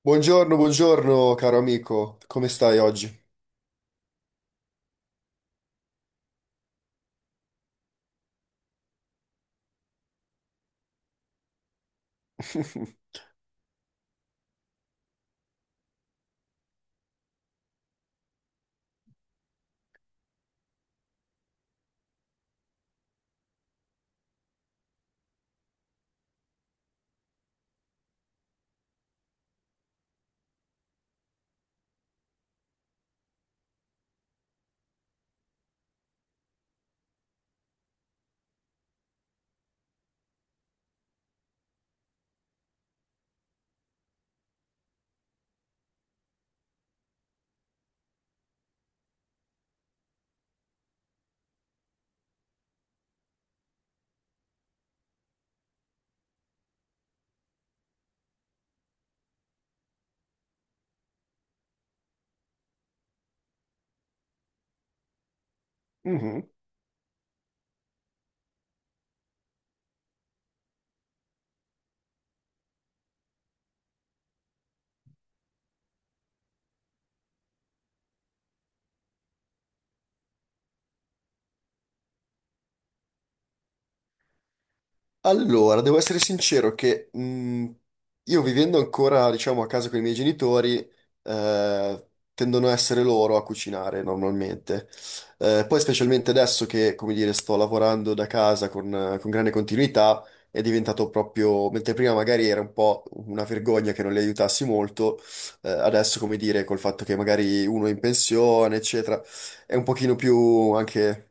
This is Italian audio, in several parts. Buongiorno, buongiorno caro amico, come stai oggi? Mhm. Allora, devo essere sincero che io vivendo ancora, diciamo, a casa con i miei genitori, eh, tendono a essere loro a cucinare normalmente. Poi specialmente adesso che, come dire, sto lavorando da casa con grande continuità, è diventato proprio, mentre prima magari era un po' una vergogna che non li aiutassi molto, adesso, come dire, col fatto che magari uno è in pensione, eccetera, è un pochino più anche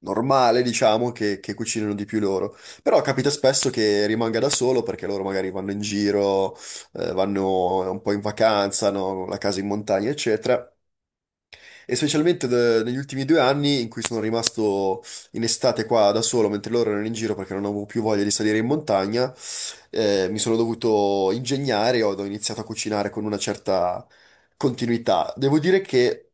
normale, diciamo, che cucinano di più loro. Però capita spesso che rimanga da solo perché loro magari vanno in giro, vanno un po' in vacanza, hanno la casa in montagna, eccetera, e specialmente negli ultimi due anni in cui sono rimasto in estate qua da solo mentre loro erano in giro perché non avevo più voglia di salire in montagna, mi sono dovuto ingegnare, ho iniziato a cucinare con una certa continuità. Devo dire che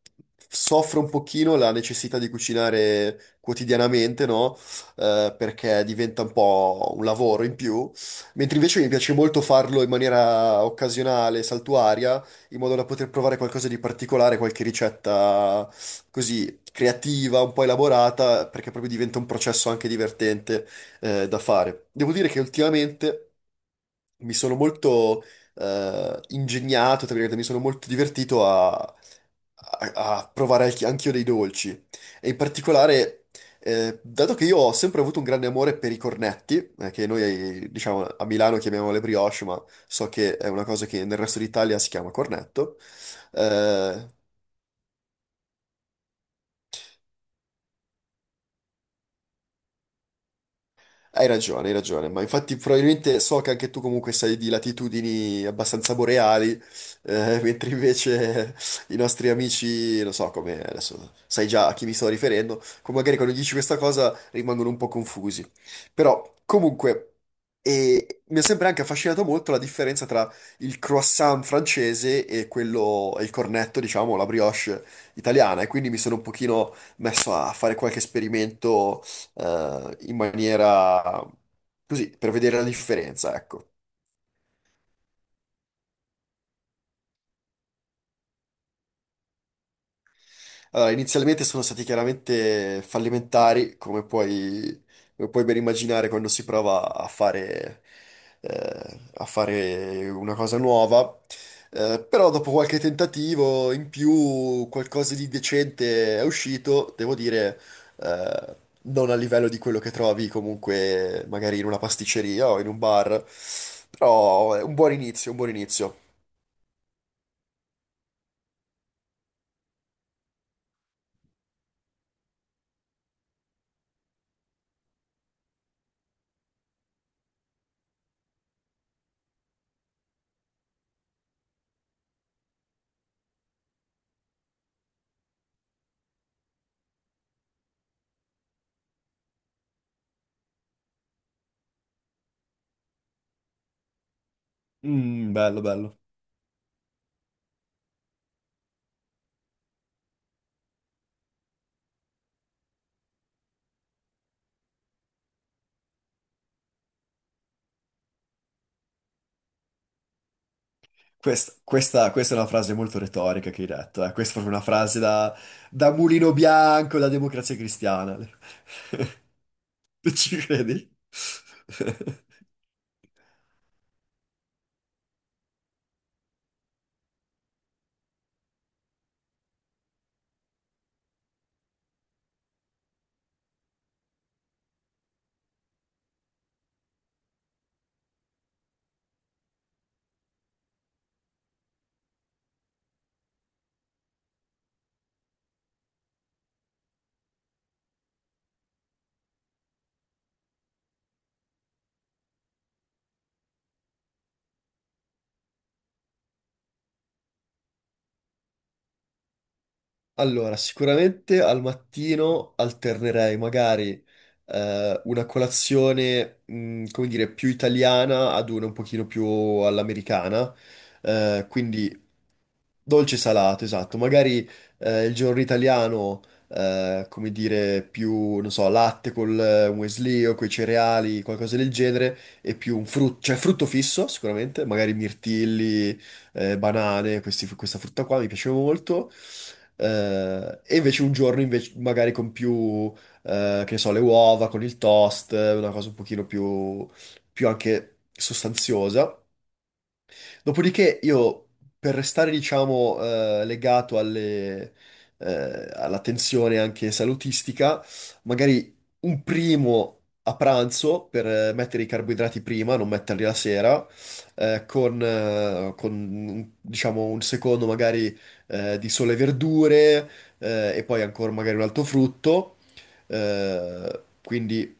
soffro un pochino la necessità di cucinare quotidianamente, no? Perché diventa un po' un lavoro in più, mentre invece mi piace molto farlo in maniera occasionale, saltuaria, in modo da poter provare qualcosa di particolare, qualche ricetta così creativa, un po' elaborata, perché proprio diventa un processo anche divertente da fare. Devo dire che ultimamente mi sono molto ingegnato, tra virgolette, mi sono molto divertito a, a provare anch'io dei dolci. E in particolare, dato che io ho sempre avuto un grande amore per i cornetti, che noi diciamo a Milano chiamiamo le brioche, ma so che è una cosa che nel resto d'Italia si chiama cornetto. eh, hai ragione, ma infatti probabilmente so che anche tu comunque sei di latitudini abbastanza boreali, mentre invece i nostri amici, non so come, adesso sai già a chi mi sto riferendo, come magari quando dici questa cosa rimangono un po' confusi. Però comunque e mi è sempre anche affascinato molto la differenza tra il croissant francese e quello, e il cornetto, diciamo, la brioche italiana, e quindi mi sono un pochino messo a fare qualche esperimento in maniera così, per vedere la differenza, ecco. Allora, inizialmente sono stati chiaramente fallimentari, come puoi ben immaginare quando si prova a fare, a fare una cosa nuova. Però dopo qualche tentativo in più, qualcosa di decente è uscito, devo dire, eh, non a livello di quello che trovi comunque magari in una pasticceria o in un bar, però è un buon inizio, un buon inizio. Mm, bello, bello. Questa è una frase molto retorica che hai detto, eh. Questa è proprio una frase da, da Mulino Bianco, da Democrazia Cristiana. Tu ci credi? Allora, sicuramente al mattino alternerei magari una colazione, come dire, più italiana ad una un pochino più all'americana, quindi dolce salato, esatto. Magari il giorno italiano, come dire, più, non so, latte col muesli o coi cereali, qualcosa del genere, e più un frutto, cioè frutto fisso sicuramente, magari mirtilli, banane, questa frutta qua mi piace molto. E invece un giorno invece magari con più, che ne so, le uova, con il toast, una cosa un pochino più anche sostanziosa. Dopodiché io, per restare, diciamo, legato alle, alla tensione anche salutistica, magari un primo a pranzo per mettere i carboidrati prima, non metterli la sera, con, diciamo, un secondo magari di sole e verdure, e poi ancora magari un altro frutto. Quindi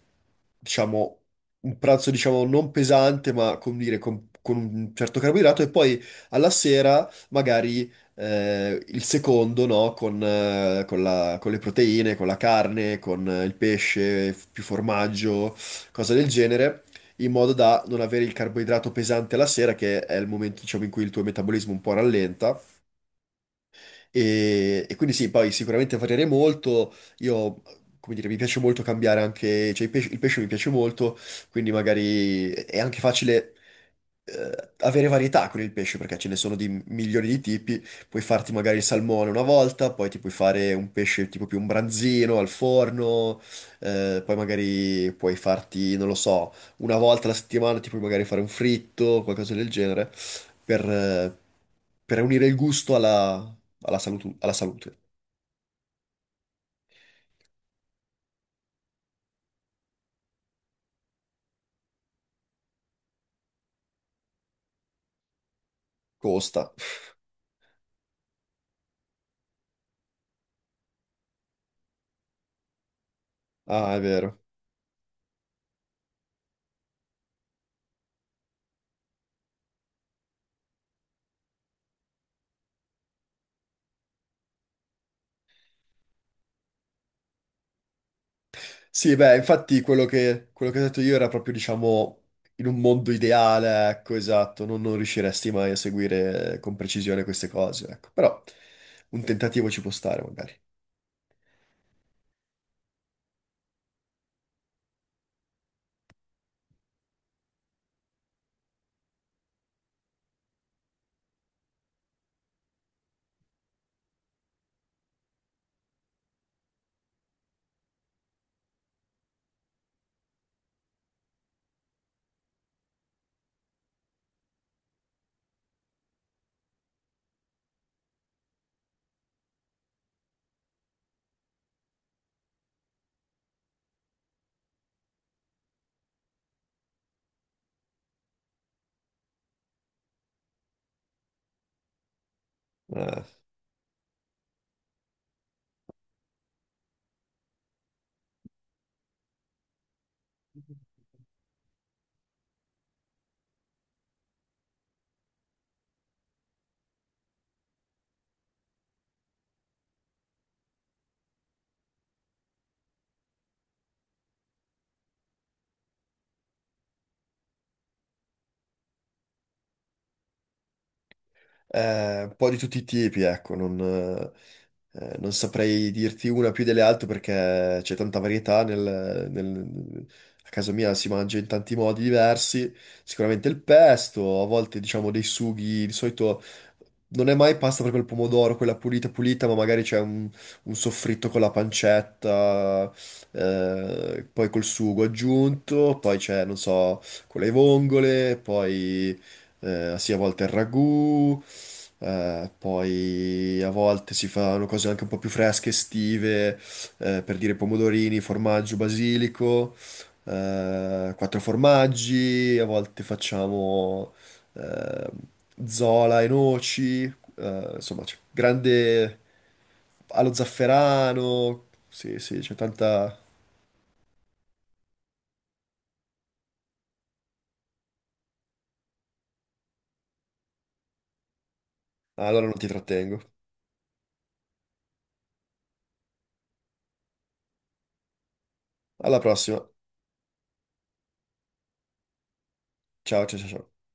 diciamo, un pranzo, diciamo, non pesante, ma come dire, con un certo carboidrato, e poi alla sera magari il secondo, no? Con, con le proteine, con la carne, con il pesce, più formaggio, cose del genere. In modo da non avere il carboidrato pesante alla sera, che è il momento, diciamo, in cui il tuo metabolismo un po' rallenta. E quindi sì, poi sicuramente variare molto. Io, come dire, mi piace molto cambiare anche, cioè il pesce mi piace molto, quindi magari è anche facile avere varietà con il pesce perché ce ne sono di milioni di tipi. Puoi farti magari il salmone una volta, poi ti puoi fare un pesce tipo più un branzino al forno, poi magari puoi farti, non lo so, una volta alla settimana ti puoi magari fare un fritto, qualcosa del genere, per... eh, per unire il gusto alla, alla salute. Costa. Ah, è vero. Sì, beh, infatti quello quello che ho detto io era proprio, diciamo, in un mondo ideale, ecco, esatto, non, non riusciresti mai a seguire con precisione queste cose, ecco. Però un tentativo ci può stare, magari. Eh. Un po' di tutti i tipi, ecco, non, non saprei dirti una più delle altre perché c'è tanta varietà nel, a casa mia si mangia in tanti modi diversi, sicuramente il pesto, a volte diciamo dei sughi, di solito non è mai pasta proprio al pomodoro, quella pulita pulita, ma magari c'è un soffritto con la pancetta, poi col sugo aggiunto, poi c'è, non so, con le vongole, poi sì, a volte il ragù. Poi a volte si fanno cose anche un po' più fresche, estive, per dire pomodorini, formaggio, basilico, quattro formaggi, a volte facciamo eh, zola e noci, insomma, c'è grande allo zafferano, sì, sì, c'è tanta... Ah, allora non ti trattengo. Alla prossima. Ciao, ciao, ciao. Ciao.